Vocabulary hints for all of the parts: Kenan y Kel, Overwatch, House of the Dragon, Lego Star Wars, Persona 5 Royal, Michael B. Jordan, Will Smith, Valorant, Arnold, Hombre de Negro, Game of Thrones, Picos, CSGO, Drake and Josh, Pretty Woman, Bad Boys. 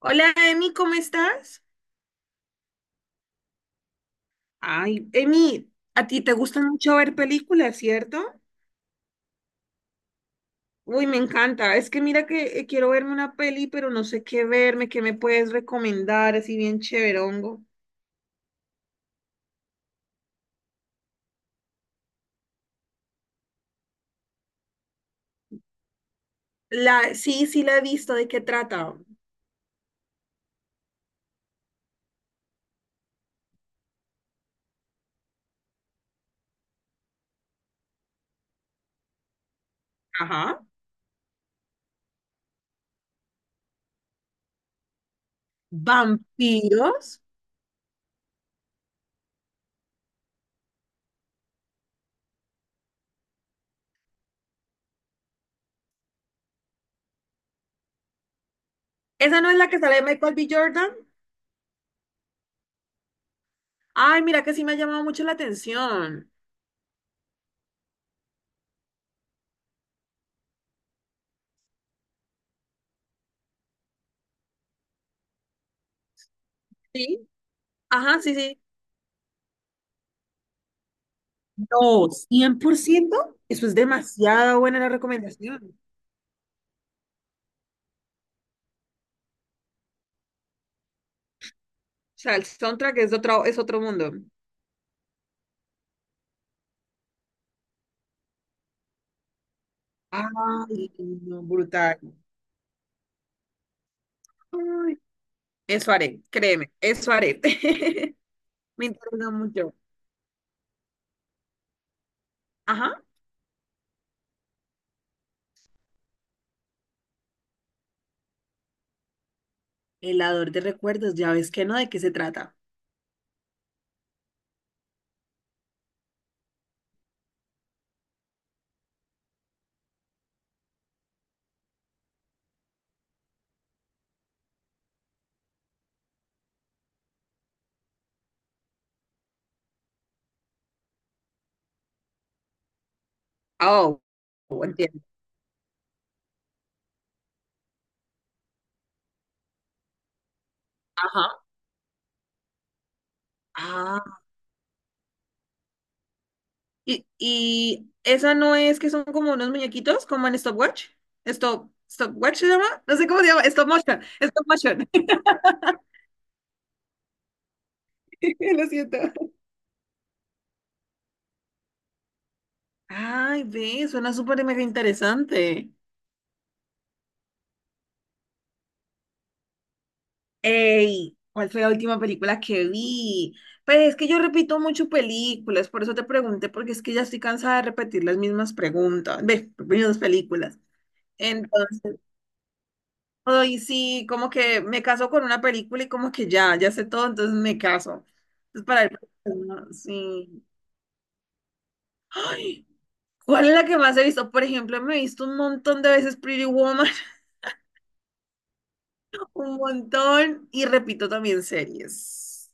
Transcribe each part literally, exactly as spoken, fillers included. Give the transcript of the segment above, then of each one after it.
Hola, Emi, ¿cómo estás? Ay, Emi, a ti te gusta mucho ver películas, ¿cierto? Uy, me encanta. Es que mira que eh, quiero verme una peli, pero no sé qué verme, qué me puedes recomendar, así bien chéverongo. La, sí, sí la he visto, ¿de qué trata? Ajá. ¿Vampiros? ¿Esa no es la que sale de Michael B. Jordan? Ay, mira que sí me ha llamado mucho la atención. Sí. Ajá, sí, sí. No, cien por ciento. Eso es demasiado buena la recomendación. O sea, el soundtrack es de otro, es otro mundo. Ay, no, brutal. Ay, eso haré, créeme, eso haré. Me interesa mucho. Ajá. Helador de recuerdos, ya ves que no, ¿de qué se trata? Oh, entiendo. Ajá. Y, y esa no es que son como unos muñequitos, como en Stopwatch. Stop, Stopwatch se llama. No sé cómo se llama. Stop motion. Stop motion. Lo siento. Ay, ve, suena súper mega interesante. Ey, ¿cuál fue la última película que vi? Pues es que yo repito mucho películas, por eso te pregunté, porque es que ya estoy cansada de repetir las mismas preguntas, ve, mismas películas. Entonces, ay, sí, como que me caso con una película y como que ya, ya sé todo, entonces me caso. Entonces, para el sí. Ay, ¿cuál es la que más he visto? Por ejemplo, me he visto un montón de veces Pretty Woman, un montón, y repito también series.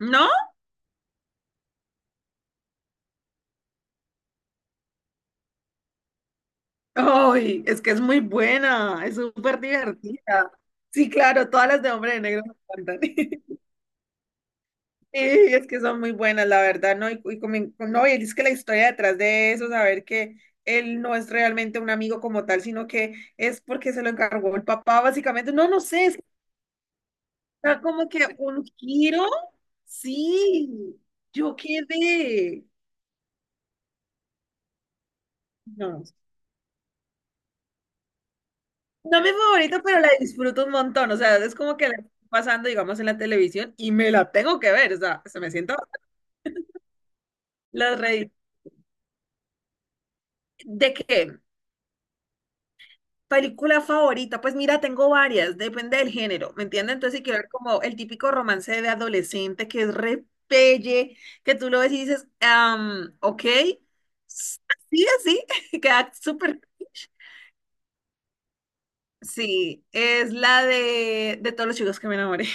¿No? Ay, es que es muy buena, es súper divertida. Sí, claro, todas las de Hombre de Negro me encantan. Sí, es que son muy buenas, la verdad, ¿no? Y, y como en- no, y es que la historia detrás de eso, saber que él no es realmente un amigo como tal, sino que es porque se lo encargó el papá, básicamente. No, no sé, está como que un giro. Sí, yo quedé. No, no es mi favorita, pero la disfruto un montón. O sea, es como que la estoy pasando, digamos, en la televisión y me la tengo que ver. O sea, se me siento. Las redes. ¿De qué? Película favorita, pues mira, tengo varias, depende del género, ¿me entiendes? Entonces, si quiero ver como el típico romance de adolescente que es repelle, que tú lo ves y dices, am, ok, s- así, así, queda súper. Sí, es la de, de todos los chicos que me enamoré.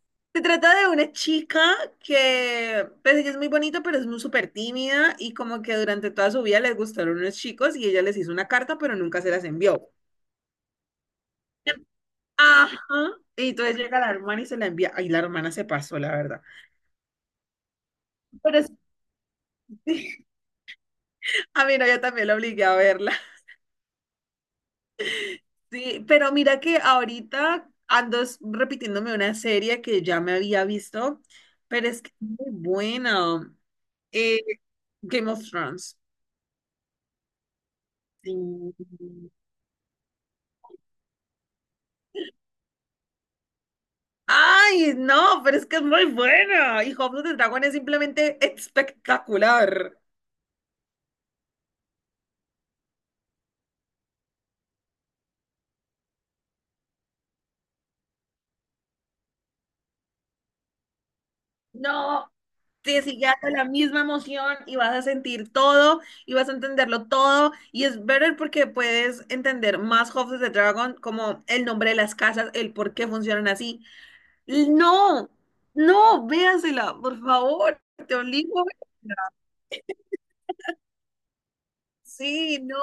Se trata de una chica que, pues ella es muy bonita, pero es muy súper tímida y como que durante toda su vida les gustaron unos chicos y ella les hizo una carta, pero nunca se las envió. Ajá. Y entonces llega la hermana y se la envía. Ay, la hermana se pasó, la verdad. Pero sí, a mí no, yo también la obligué a verla. Sí, pero mira que ahorita ando es repitiéndome una serie que ya me había visto, pero es que es muy buena. Eh, Game of Thrones. Sí. Ay, no, pero es que es muy buena. Y House of the Dragon es simplemente espectacular. No, te sigue dando la misma emoción y vas a sentir todo y vas a entenderlo todo. Y es better porque puedes entender más House of the Dragon, como el nombre de las casas, el por qué funcionan así. No, no, véasela, por favor, te obligo a verla. Sí, no.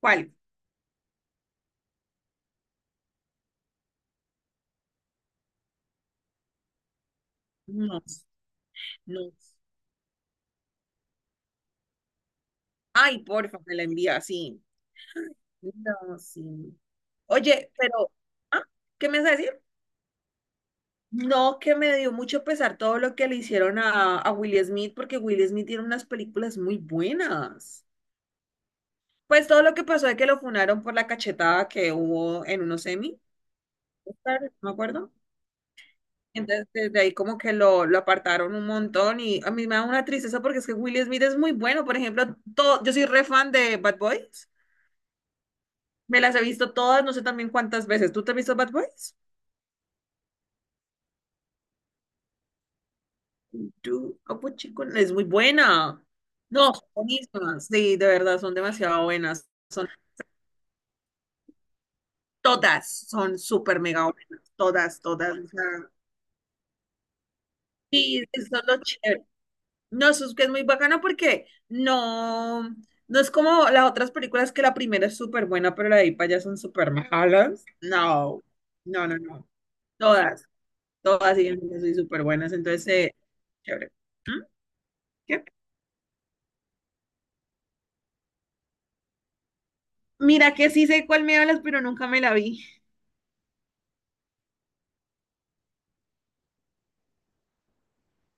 ¿Cuál? No, no. Ay, porfa, me la envía, sí. No, sí. Oye, pero, ¿ah? ¿Qué me vas a decir? No, que me dio mucho pesar todo lo que le hicieron a, a Will Smith, porque Will Smith tiene unas películas muy buenas. Pues todo lo que pasó de que lo funaron por la cachetada que hubo en unos semi, Oscar, no me acuerdo. Entonces, desde ahí como que lo, lo apartaron un montón y a mí me da una tristeza porque es que Will Smith es muy bueno. Por ejemplo, todo, yo soy re fan de Bad Boys. Me las he visto todas, no sé también cuántas veces. ¿Tú te has visto Bad Boys? Yo, Capuchino, es muy buena. No, son buenísimas. Sí, de verdad, son demasiado buenas. Son todas, son súper mega buenas. Todas, todas. O sea, sí, eso es lo chévere. No, eso es que es muy bacana porque no, no es como las otras películas que la primera es súper buena, pero la de ahí para allá son súper malas. No, no, no, no. Todas, todas siguen siendo súper buenas. Entonces, eh, chévere. ¿Mm? ¿Qué? Mira que sí sé cuál me hablas, pero nunca me la vi.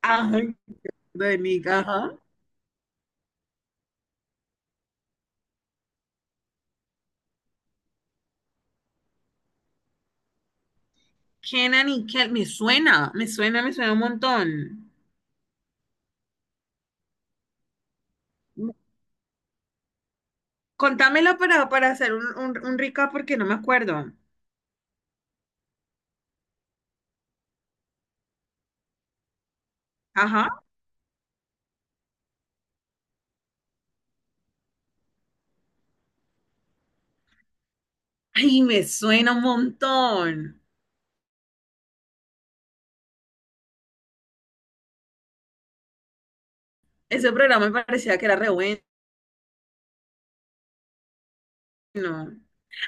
Ay, de Nick, ajá. Kenan y Kel, me suena, me suena, me suena un montón. Contámelo para, para hacer un, un, un recap porque no me acuerdo. Ajá. Ay, me suena un montón. Ese programa me parecía que era re bueno.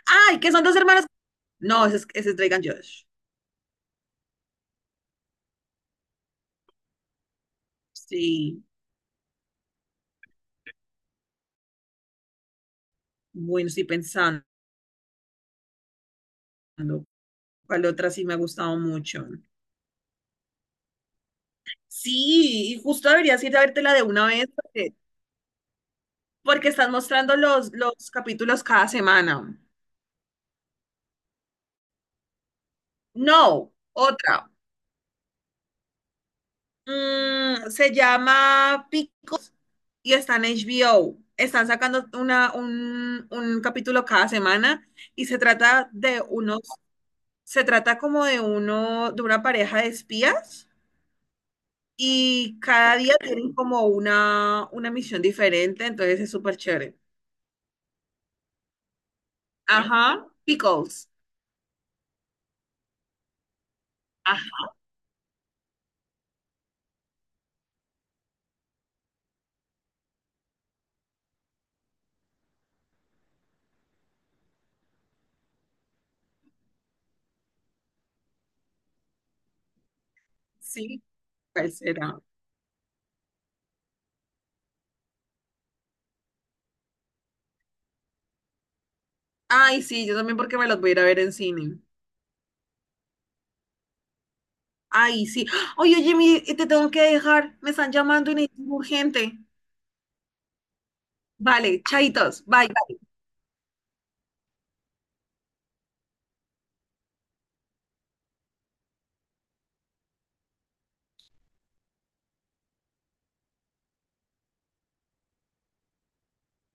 Ay, que son dos hermanos. No, ese es, ese es Drake and Josh. Sí, bueno, estoy pensando. ¿Cuál otra sí me ha gustado mucho? Sí, y justo deberías ir a vértela de una vez porque, porque estás mostrando los, los capítulos cada semana. No, otra. Mm, se llama Picos y está en H B O. Están sacando una, un, un capítulo cada semana y se trata de unos, se trata como de uno, de una pareja de espías y cada día tienen como una, una misión diferente, entonces es súper chévere. Ajá, Pickles. Ah, sí, ¿cuál será? Ay, sí, yo también porque me los voy a ir a ver en cine. Ay, sí. Oye, oye, mi- te tengo que dejar. Me están llamando y necesito urgente. Vale, chaitos. Bye.